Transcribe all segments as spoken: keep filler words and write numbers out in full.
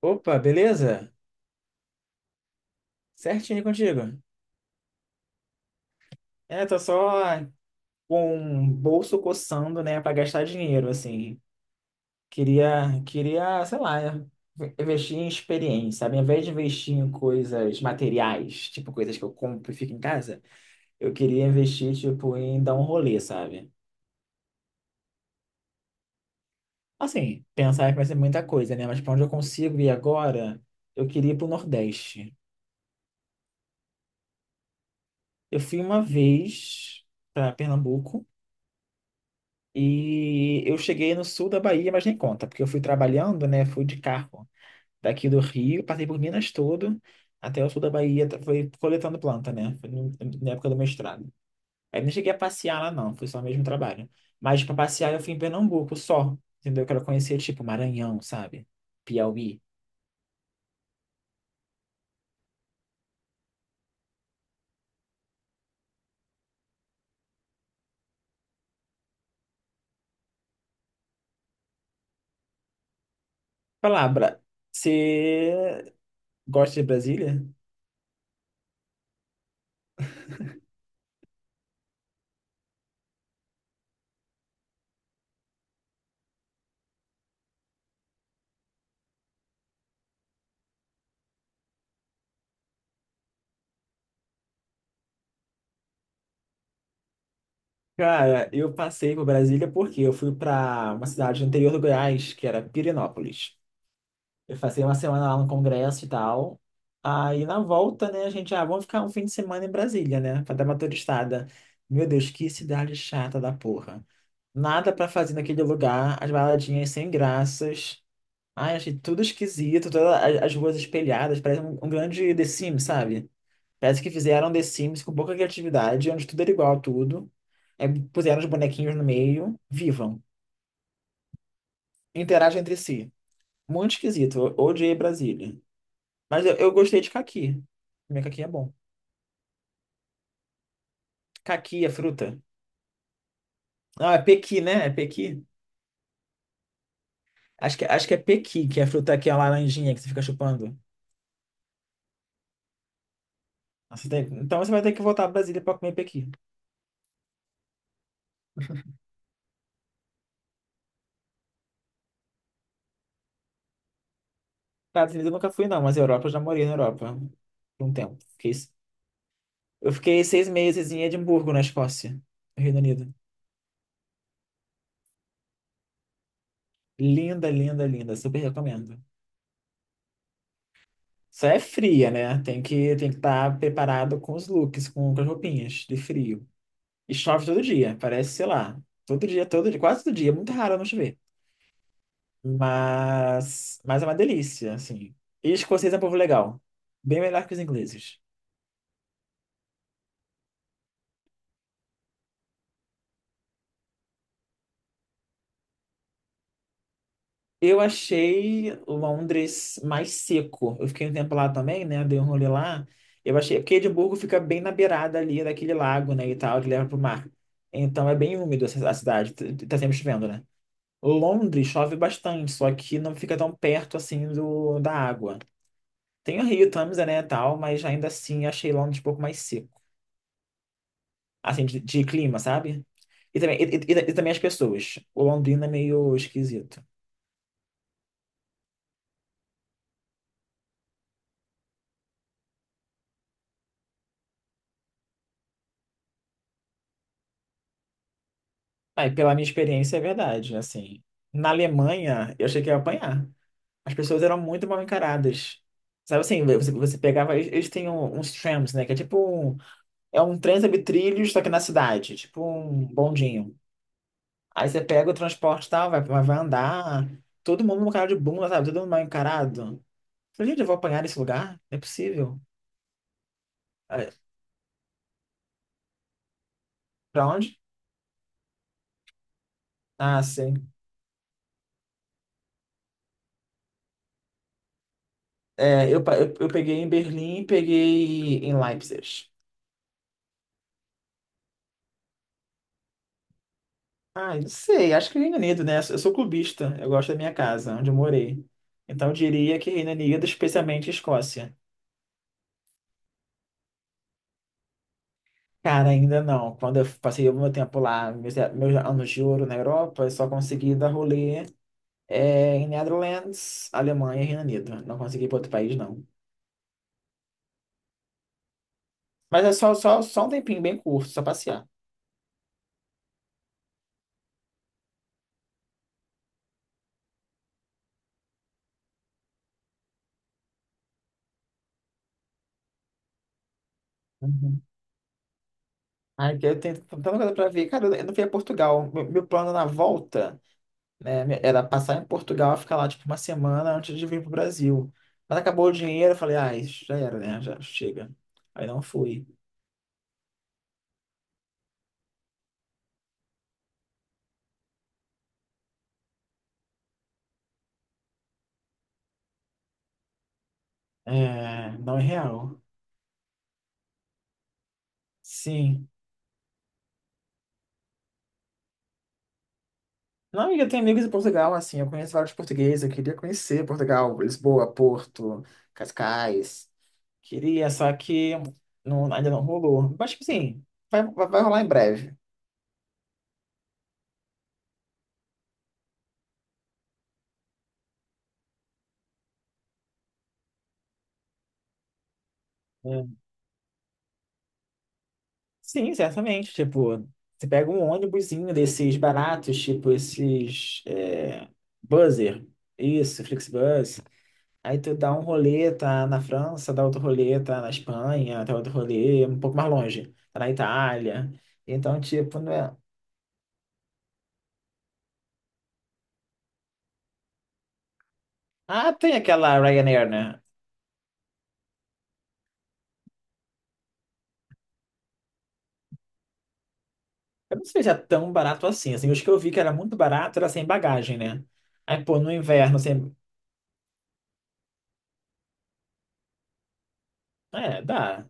Opa, beleza? Certinho contigo. É, tô só com o bolso coçando, né, pra gastar dinheiro, assim. Queria, queria, sei lá, investir em experiência, sabe? Ao invés de investir em coisas materiais, tipo coisas que eu compro e fico em casa, eu queria investir, tipo, em dar um rolê, sabe? Assim, pensar que vai ser muita coisa, né? Mas pra onde eu consigo ir agora, eu queria ir pro Nordeste. Eu fui uma vez pra Pernambuco. E eu cheguei no sul da Bahia, mas nem conta, porque eu fui trabalhando, né? Fui de carro daqui do Rio, passei por Minas todo, até o sul da Bahia, t- foi coletando planta, né? Foi no- na época do mestrado. Aí não cheguei a passear lá, não, foi só mesmo trabalho. Mas para passear eu fui em Pernambuco só, entendeu? Eu quero conhecer, tipo, Maranhão, sabe? Piauí. Palavra, você gosta de Brasília? Cara, eu passei por Brasília porque eu fui para uma cidade no interior do Goiás, que era Pirenópolis. Eu passei uma semana lá no congresso e tal. Aí na volta, né, a gente, ah, vamos ficar um fim de semana em Brasília, né, pra dar uma turistada. Meu Deus, que cidade chata da porra. Nada pra fazer naquele lugar, as baladinhas sem graças. Ai, achei tudo esquisito, todas a- as ruas espelhadas, parece um, um grande The Sims, sabe? Parece que fizeram The Sims com pouca criatividade, onde tudo era igual a tudo. É, puseram os bonequinhos no meio, vivam, interagem entre si. Muito esquisito, eu odiei Brasília. Mas eu, eu gostei de caqui. Comer caqui é bom. Caqui é fruta. Não, é pequi, né? É pequi. Acho que, acho que é pequi, que é a fruta que é a laranjinha que você fica chupando. Você tem- então você vai ter que voltar para Brasília para comer pequi. Estados Unidos eu nunca fui, não, mas Europa eu já morei na Europa por um tempo. Fiquei- eu fiquei seis meses em Edimburgo, na Escócia, no Reino Unido. Linda, linda, linda. Super recomendo. Só é fria, né? Tem que, tem que estar preparado com os looks, com, com as roupinhas de frio. E chove todo dia, parece, sei lá, todo dia, todo dia, quase todo dia, é muito raro não chover. Mas, mas é uma delícia, assim. E escocês é um povo legal, bem melhor que os ingleses. Eu achei Londres mais seco. Eu fiquei um tempo lá também, né? Dei um rolê lá. Eu achei, porque Edimburgo fica bem na beirada ali daquele lago, né, e tal, que leva pro mar. Então é bem úmido essa- a cidade, t- tá sempre chovendo, né? Londres chove bastante, só que não fica tão perto assim do, da água. Tem o Rio, Tamisa, né, tal, mas ainda assim achei Londres um pouco mais seco. Assim, de, de clima, sabe? E também, e, e- e também as pessoas. O Londrina é meio esquisito. Aí, pela minha experiência, é verdade, assim. Na Alemanha, eu achei que ia apanhar. As pessoas eram muito mal encaradas. Sabe assim, você, você pegava. Eles, eles têm um- uns trams, né? Que é tipo um, é um trem sobre trilhos, só que na cidade. Tipo um bondinho. Aí você pega o transporte e tal, vai, vai vai andar. Todo mundo com cara de bunda, sabe? Todo mundo mal encarado. Falei, gente, eu vou apanhar nesse lugar? Não é possível. Aí, pra onde? Ah, sim. É, eu, pa- eu, eu peguei em Berlim, e peguei em Leipzig. Ah, eu não sei, acho que é Reino Unido, né? Eu sou clubista, eu gosto da minha casa, onde eu morei. Então eu diria que Reino Unido, especialmente Escócia. Cara, ainda não. Quando eu passei o meu tempo lá, meus, meus anos de ouro na Europa, eu só consegui dar rolê é, em Netherlands, Alemanha e Reino Unido. Não consegui ir para outro país, não. Mas é só, só, só um tempinho bem curto, só passear. Uhum. Ai, que eu tenho tanta coisa pra ver. Cara, eu não fui a Portugal. Meu, meu plano na volta, né, me- era passar em Portugal e ficar lá, tipo, uma semana antes de vir pro Brasil. Mas acabou o dinheiro, eu falei, ah, isso já era, né? Já chega. Aí não fui. É, não é real. Sim. Não, e eu tenho amigos em Portugal, assim, eu conheço vários portugueses, eu queria conhecer Portugal, Lisboa, Porto, Cascais. Queria, só que não, ainda não rolou. Mas, tipo assim, vai, vai, vai rolar em breve. É. Sim, certamente. Tipo, você pega um ônibusinho desses baratos, tipo esses é, Buzzer, isso, Flixbus. Aí tu dá um rolê, tá na França, dá outro rolê, tá na Espanha, dá outro rolê um pouco mais longe, tá na Itália. Então, tipo, não é. Ah, tem aquela Ryanair, né? Eu não sei se é tão barato assim. Assim, os que eu vi que era muito barato era sem bagagem, né? Aí, pô, no inverno, sem. É, dá.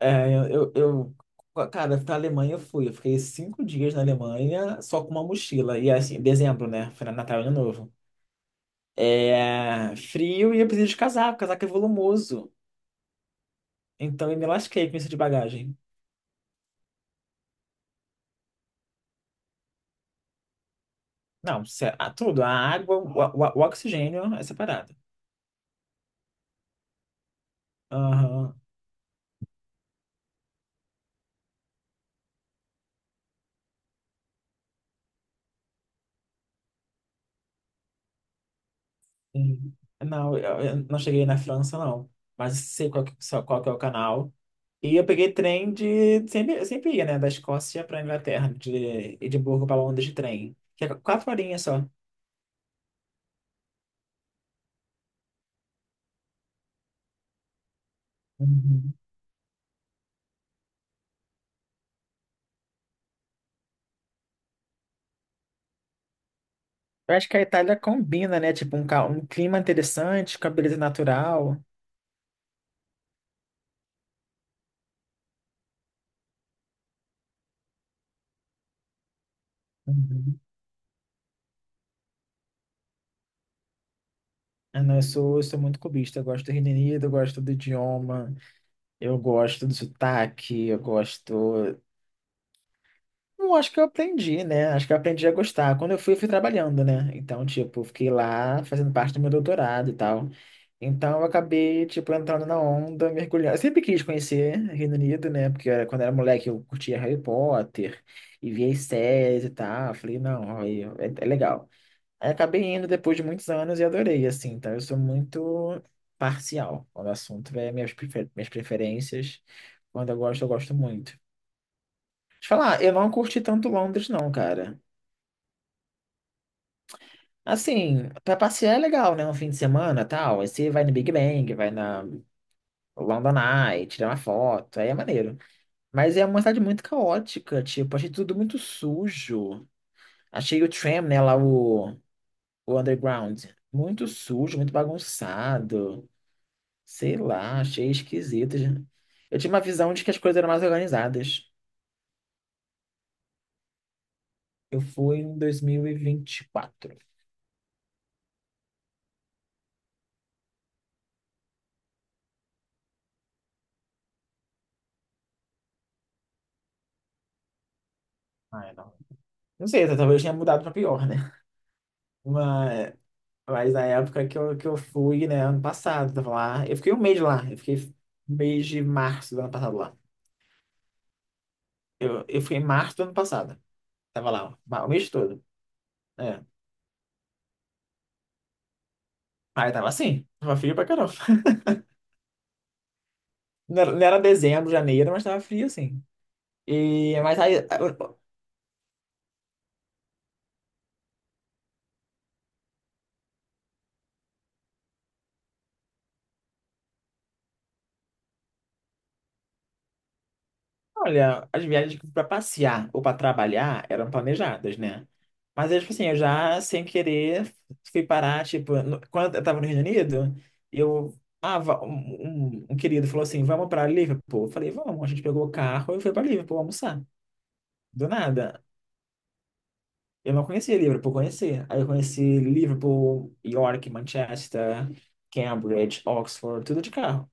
É, eu, eu, eu- cara, pra Alemanha eu fui. Eu fiquei cinco dias na Alemanha só com uma mochila. E assim, dezembro, né? Foi na Natal e Ano Novo. É. Frio e eu preciso de casaco. Casaco é volumoso. Então eu me lasquei com isso de bagagem. Não, sé- ah, tudo. A água, o, o- o oxigênio é separado. Aham. Hum, Não, eu eu não cheguei na França, não. Mas sei qual que, só qual que é o canal. E eu peguei trem de. Sempre, sempre ia, né? Da Escócia para Inglaterra, de Edimburgo para Londres de trem. Que é quatro horinhas só. Uhum. Eu acho que a Itália combina, né? Tipo, um, ca- um clima interessante com a beleza natural. Uhum. Ah, não, eu sou, eu sou muito cubista. Eu gosto do Reino Unido, eu gosto do idioma, eu gosto do sotaque, eu gosto. Não, acho que eu aprendi, né? Acho que eu aprendi a gostar. Quando eu fui, eu fui trabalhando, né? Então, tipo, fiquei lá fazendo parte do meu doutorado e tal. Então, eu acabei, tipo, entrando na onda, mergulhando. Eu sempre quis conhecer Reino Unido, né? Porque era, quando eu era moleque, eu curtia Harry Potter e via as séries e tal. Eu falei, não, aí é, é legal. Aí acabei indo depois de muitos anos e adorei, assim. Então, eu sou muito parcial quando o assunto é minhas, prefer- minhas preferências. Quando eu gosto, eu gosto muito. Te falar, eu não curti tanto Londres, não, cara. Assim, pra passear é legal, né? Um fim de semana, tal. Aí você vai no Big Bang, vai na London Eye, tira uma foto, aí é maneiro. Mas é uma cidade muito caótica, tipo, achei tudo muito sujo. Achei o tram, né, lá o, o underground, muito sujo, muito bagunçado. Sei lá, achei esquisito. Eu tinha uma visão de que as coisas eram mais organizadas. Eu fui em dois mil e vinte e quatro. Ah, não. Não sei, talvez tenha mudado pra pior, né? Mas, mas na época que eu, que eu fui, né, ano passado, tava lá. Eu fiquei um mês lá. Eu fiquei um mês de março do ano passado lá. Eu, eu fui em março do ano passado. Tava lá, ó, ma- o mês todo. É. Aí tava assim, tava frio pra caramba. Não era, não era dezembro, janeiro, mas tava frio assim. E, mas aí. Olha, as viagens para passear ou para trabalhar eram planejadas, né? Mas eu, tipo assim, eu já, sem querer, fui parar, tipo, no- quando eu tava no Reino Unido, eu, ah, va- um, um- um querido falou assim, vamos para Liverpool. Eu falei, vamos. A gente pegou o carro e foi para Liverpool almoçar. Do nada. Eu não conhecia Liverpool, conheci. Aí eu conheci Liverpool, York, Manchester, Cambridge, Oxford, tudo de carro.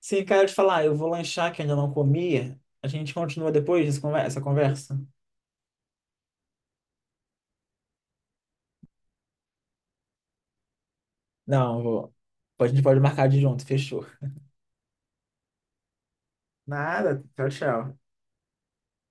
Sim, cara, eu te falar, eu vou lanchar que ainda não comi. A gente continua depois dessa conver- essa conversa. Não, eu vou. A gente pode marcar de junto, fechou. Nada. Tchau, tchau.